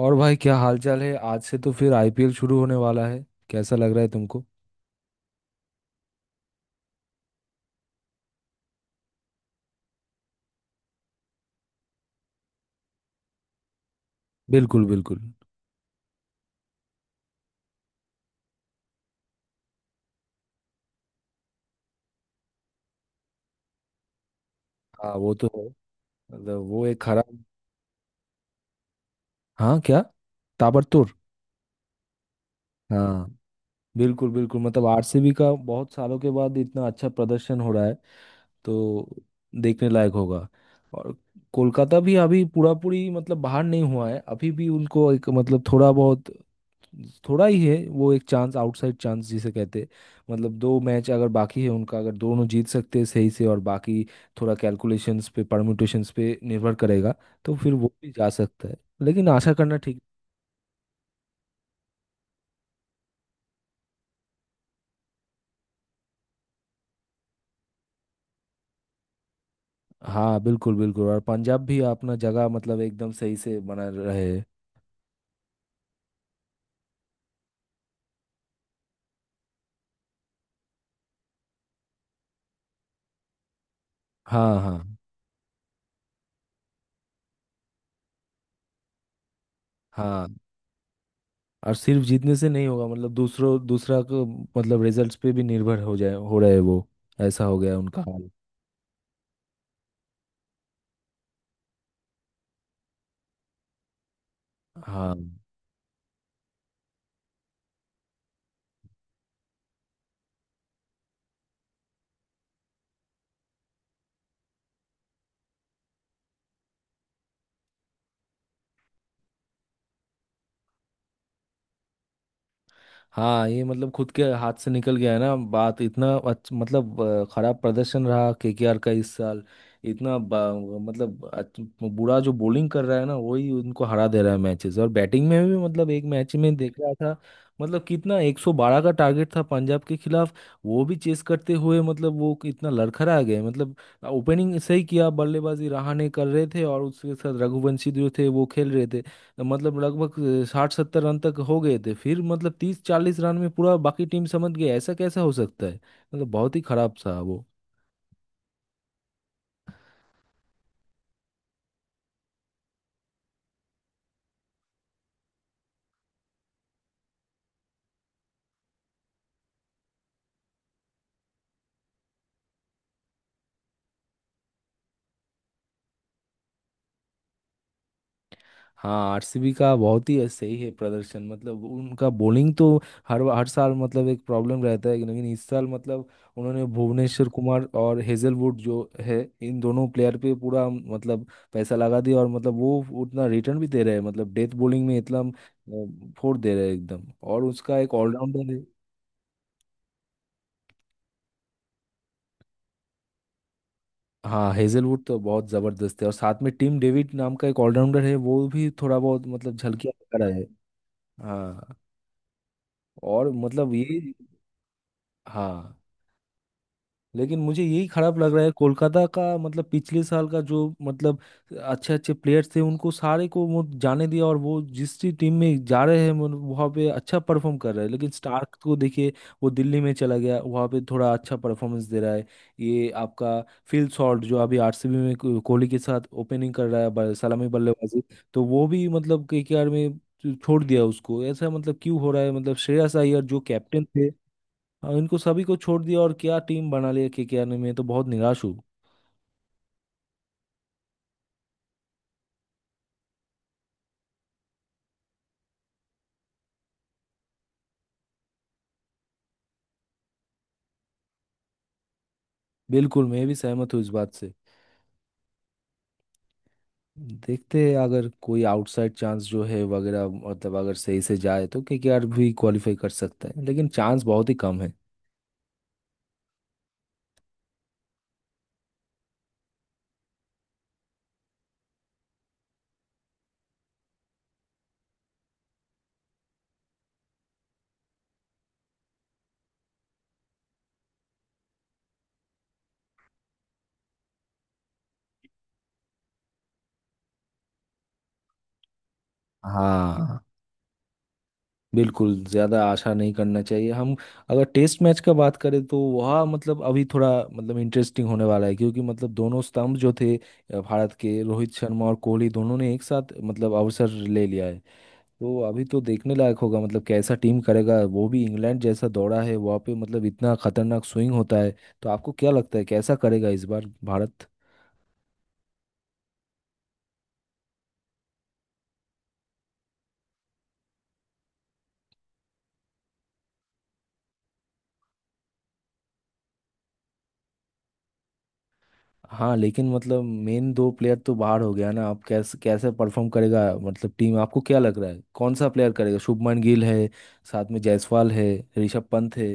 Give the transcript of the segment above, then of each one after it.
और भाई क्या हालचाल है। आज से तो फिर आईपीएल शुरू होने वाला है। कैसा लग रहा है तुमको। बिल्कुल बिल्कुल। हाँ वो तो है। मतलब वो एक खराब। हाँ क्या। ताबड़तोड़। हाँ बिल्कुल बिल्कुल। मतलब आरसीबी का बहुत सालों के बाद इतना अच्छा प्रदर्शन हो रहा है, तो देखने लायक होगा। और कोलकाता भी अभी पूरा पूरी मतलब बाहर नहीं हुआ है, अभी भी उनको एक मतलब थोड़ा बहुत, थोड़ा ही है। वो एक चांस, आउटसाइड चांस जिसे कहते हैं। मतलब दो मैच अगर बाकी है उनका, अगर दोनों जीत सकते हैं सही से, और बाकी थोड़ा कैलकुलेशंस पे, परम्यूटेशंस पे निर्भर करेगा, तो फिर वो भी जा सकता है। लेकिन आशा करना ठीक। हाँ बिल्कुल बिल्कुल। और पंजाब भी अपना जगह मतलब एकदम सही से बना रहे। हाँ हाँ हाँ। और सिर्फ जीतने से नहीं होगा, मतलब दूसरों दूसरा को मतलब रिजल्ट्स पे भी निर्भर हो रहे हैं वो, ऐसा हो गया उनका हाल। हाँ हाँ, ये मतलब खुद के हाथ से निकल गया है ना बात। इतना मतलब खराब प्रदर्शन रहा केकेआर का इस साल। इतना मतलब बुरा जो बॉलिंग कर रहा है ना, वही उनको हरा दे रहा है मैचेस, और बैटिंग में भी। मतलब एक मैच में देख रहा था, मतलब कितना 112 का टारगेट था पंजाब के खिलाफ, वो भी चेस करते हुए मतलब वो कितना लड़खड़ा गए। मतलब ओपनिंग सही किया, बल्लेबाजी रहाणे कर रहे थे और उसके साथ रघुवंशी जो थे वो खेल रहे थे, तो मतलब लगभग 60-70 रन तक हो गए थे। फिर मतलब 30-40 रन में पूरा बाकी टीम समझ गई। ऐसा कैसा हो सकता है, मतलब बहुत ही खराब था वो। हाँ आरसीबी का बहुत ही सही है प्रदर्शन। मतलब उनका बॉलिंग तो हर हर साल मतलब एक प्रॉब्लम रहता है, लेकिन इस साल मतलब उन्होंने भुवनेश्वर कुमार और हेजलवुड जो है इन दोनों प्लेयर पे पूरा मतलब पैसा लगा दिया, और मतलब वो उतना रिटर्न भी दे रहे हैं, मतलब डेथ बॉलिंग में इतना फोड़ दे रहे हैं एकदम। और उसका एक ऑलराउंडर। हाँ हेजलवुड तो बहुत जबरदस्त है, और साथ में टीम डेविड नाम का एक ऑलराउंडर है, वो भी थोड़ा बहुत मतलब झलकियां दिखा रहा है। हाँ, और मतलब ये। हाँ लेकिन मुझे यही खराब लग रहा है, कोलकाता का मतलब पिछले साल का जो मतलब अच्छे अच्छे प्लेयर्स थे, उनको सारे को वो जाने दिया, और वो जिस भी टीम में जा रहे हैं मतलब वहाँ पे अच्छा परफॉर्म कर रहा है। लेकिन स्टार्क को देखिए, वो दिल्ली में चला गया, वहाँ पे थोड़ा अच्छा परफॉर्मेंस दे रहा है। ये आपका फिल शॉर्ट जो अभी आरसीबी में कोहली के साथ ओपनिंग कर रहा है, सलामी बल्लेबाजी। तो वो भी मतलब केकेआर में छोड़ दिया उसको, ऐसा मतलब क्यों हो रहा है। मतलब श्रेयस अय्यर जो कैप्टन थे, हाँ, इनको सभी को छोड़ दिया, और क्या टीम बना लिया केकेआर ने, मैं तो बहुत निराश हूँ। बिल्कुल, मैं भी सहमत हूँ इस बात से। देखते हैं अगर कोई आउटसाइड चांस जो है वगैरह, मतलब अगर सही से जाए तो केकेआर भी क्वालिफाई कर सकता है, लेकिन चांस बहुत ही कम है। हाँ बिल्कुल। ज़्यादा आशा नहीं करना चाहिए हम। अगर टेस्ट मैच का बात करें तो वह मतलब अभी थोड़ा मतलब इंटरेस्टिंग होने वाला है, क्योंकि मतलब दोनों स्तंभ जो थे भारत के, रोहित शर्मा और कोहली दोनों ने एक साथ मतलब अवसर ले लिया है। तो अभी तो देखने लायक होगा, मतलब कैसा टीम करेगा, वो भी इंग्लैंड जैसा दौड़ा है वहाँ पे मतलब इतना खतरनाक स्विंग होता है। तो आपको क्या लगता है कैसा करेगा इस बार भारत। हाँ लेकिन मतलब मेन दो प्लेयर तो बाहर हो गया ना, आप कैसे कैसे परफॉर्म करेगा मतलब टीम। आपको क्या लग रहा है कौन सा प्लेयर करेगा। शुभमन गिल है, साथ में जायसवाल है, ऋषभ पंत है।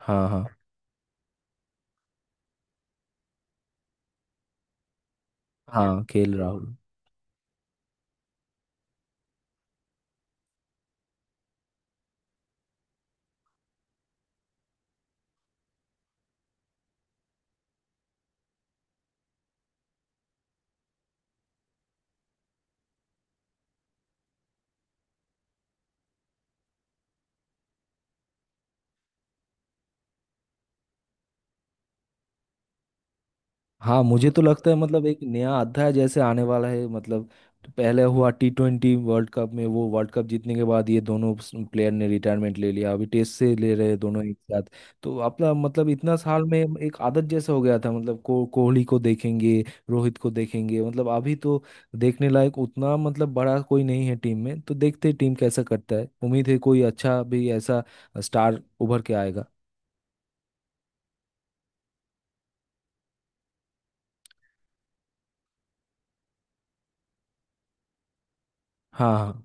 हाँ हाँ हाँ खेल राहुल। हाँ मुझे तो लगता है मतलब एक नया अध्याय जैसे आने वाला है, मतलब पहले हुआ T20 वर्ल्ड कप में, वो वर्ल्ड कप जीतने के बाद ये दोनों प्लेयर ने रिटायरमेंट ले लिया, अभी टेस्ट से ले रहे हैं दोनों एक साथ। तो अपना मतलब इतना साल में एक आदत जैसा हो गया था, मतलब को कोहली को देखेंगे, रोहित को देखेंगे, मतलब अभी तो देखने लायक उतना मतलब बड़ा कोई नहीं है टीम में। तो देखते हैं टीम कैसा करता है, उम्मीद है कोई अच्छा भी ऐसा स्टार उभर के आएगा। हाँ हाँ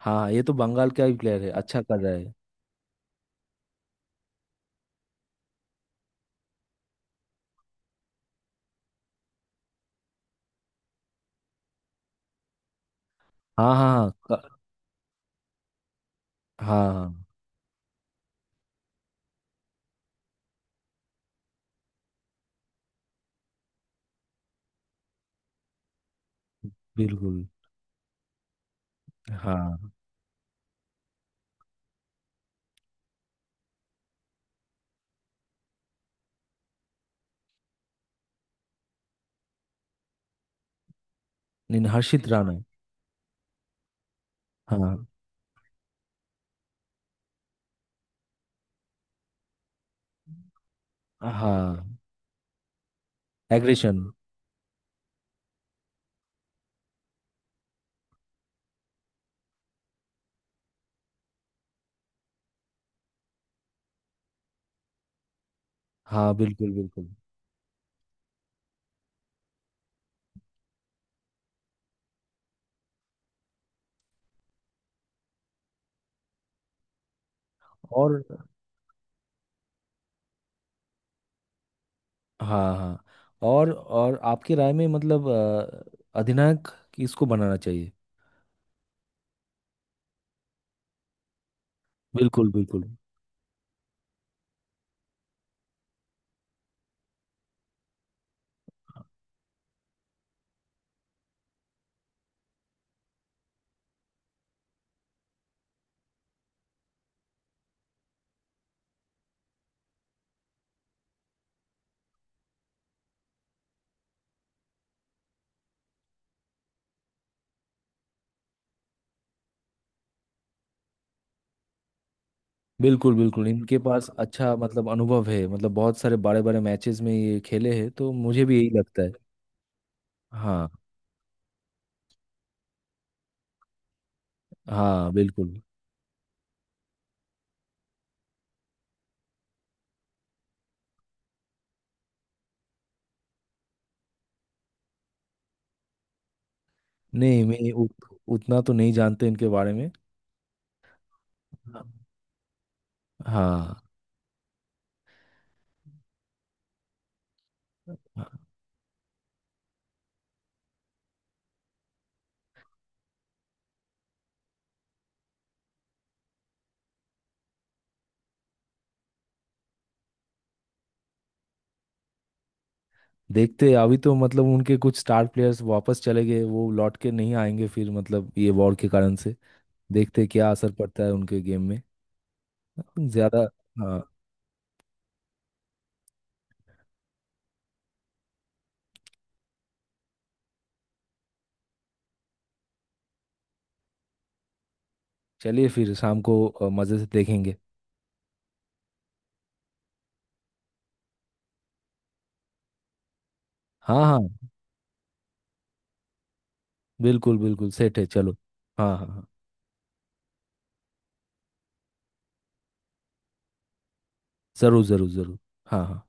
हाँ ये तो बंगाल का ही प्लेयर है, अच्छा कर रहा है। हाँ हाँ हाँ, हाँ हाँ, बिल्कुल। हाँ नहीं हर्षित राणा। हाँ हाँ एग्रेशन। हाँ बिल्कुल बिल्कुल। और हाँ हाँ। और आपकी राय में, मतलब अधिनायक किसको बनाना चाहिए। बिल्कुल बिल्कुल। बिल्कुल बिल्कुल इनके पास अच्छा मतलब अनुभव है, मतलब बहुत सारे बड़े बड़े मैचेस में ये खेले हैं, तो मुझे भी यही लगता है। हाँ हाँ बिल्कुल। नहीं मैं उतना तो नहीं जानते इनके बारे में। हाँ हाँ, देखते हैं, अभी तो मतलब उनके कुछ स्टार प्लेयर्स वापस चले गए, वो लौट के नहीं आएंगे फिर, मतलब ये वॉर के कारण से। देखते हैं क्या असर पड़ता है उनके गेम में। ज्यादा। हाँ चलिए फिर शाम को मजे से देखेंगे। हाँ हाँ बिल्कुल बिल्कुल, सेट है, चलो। हाँ हाँ हाँ जरूर जरूर जरूर। हाँ हाँ।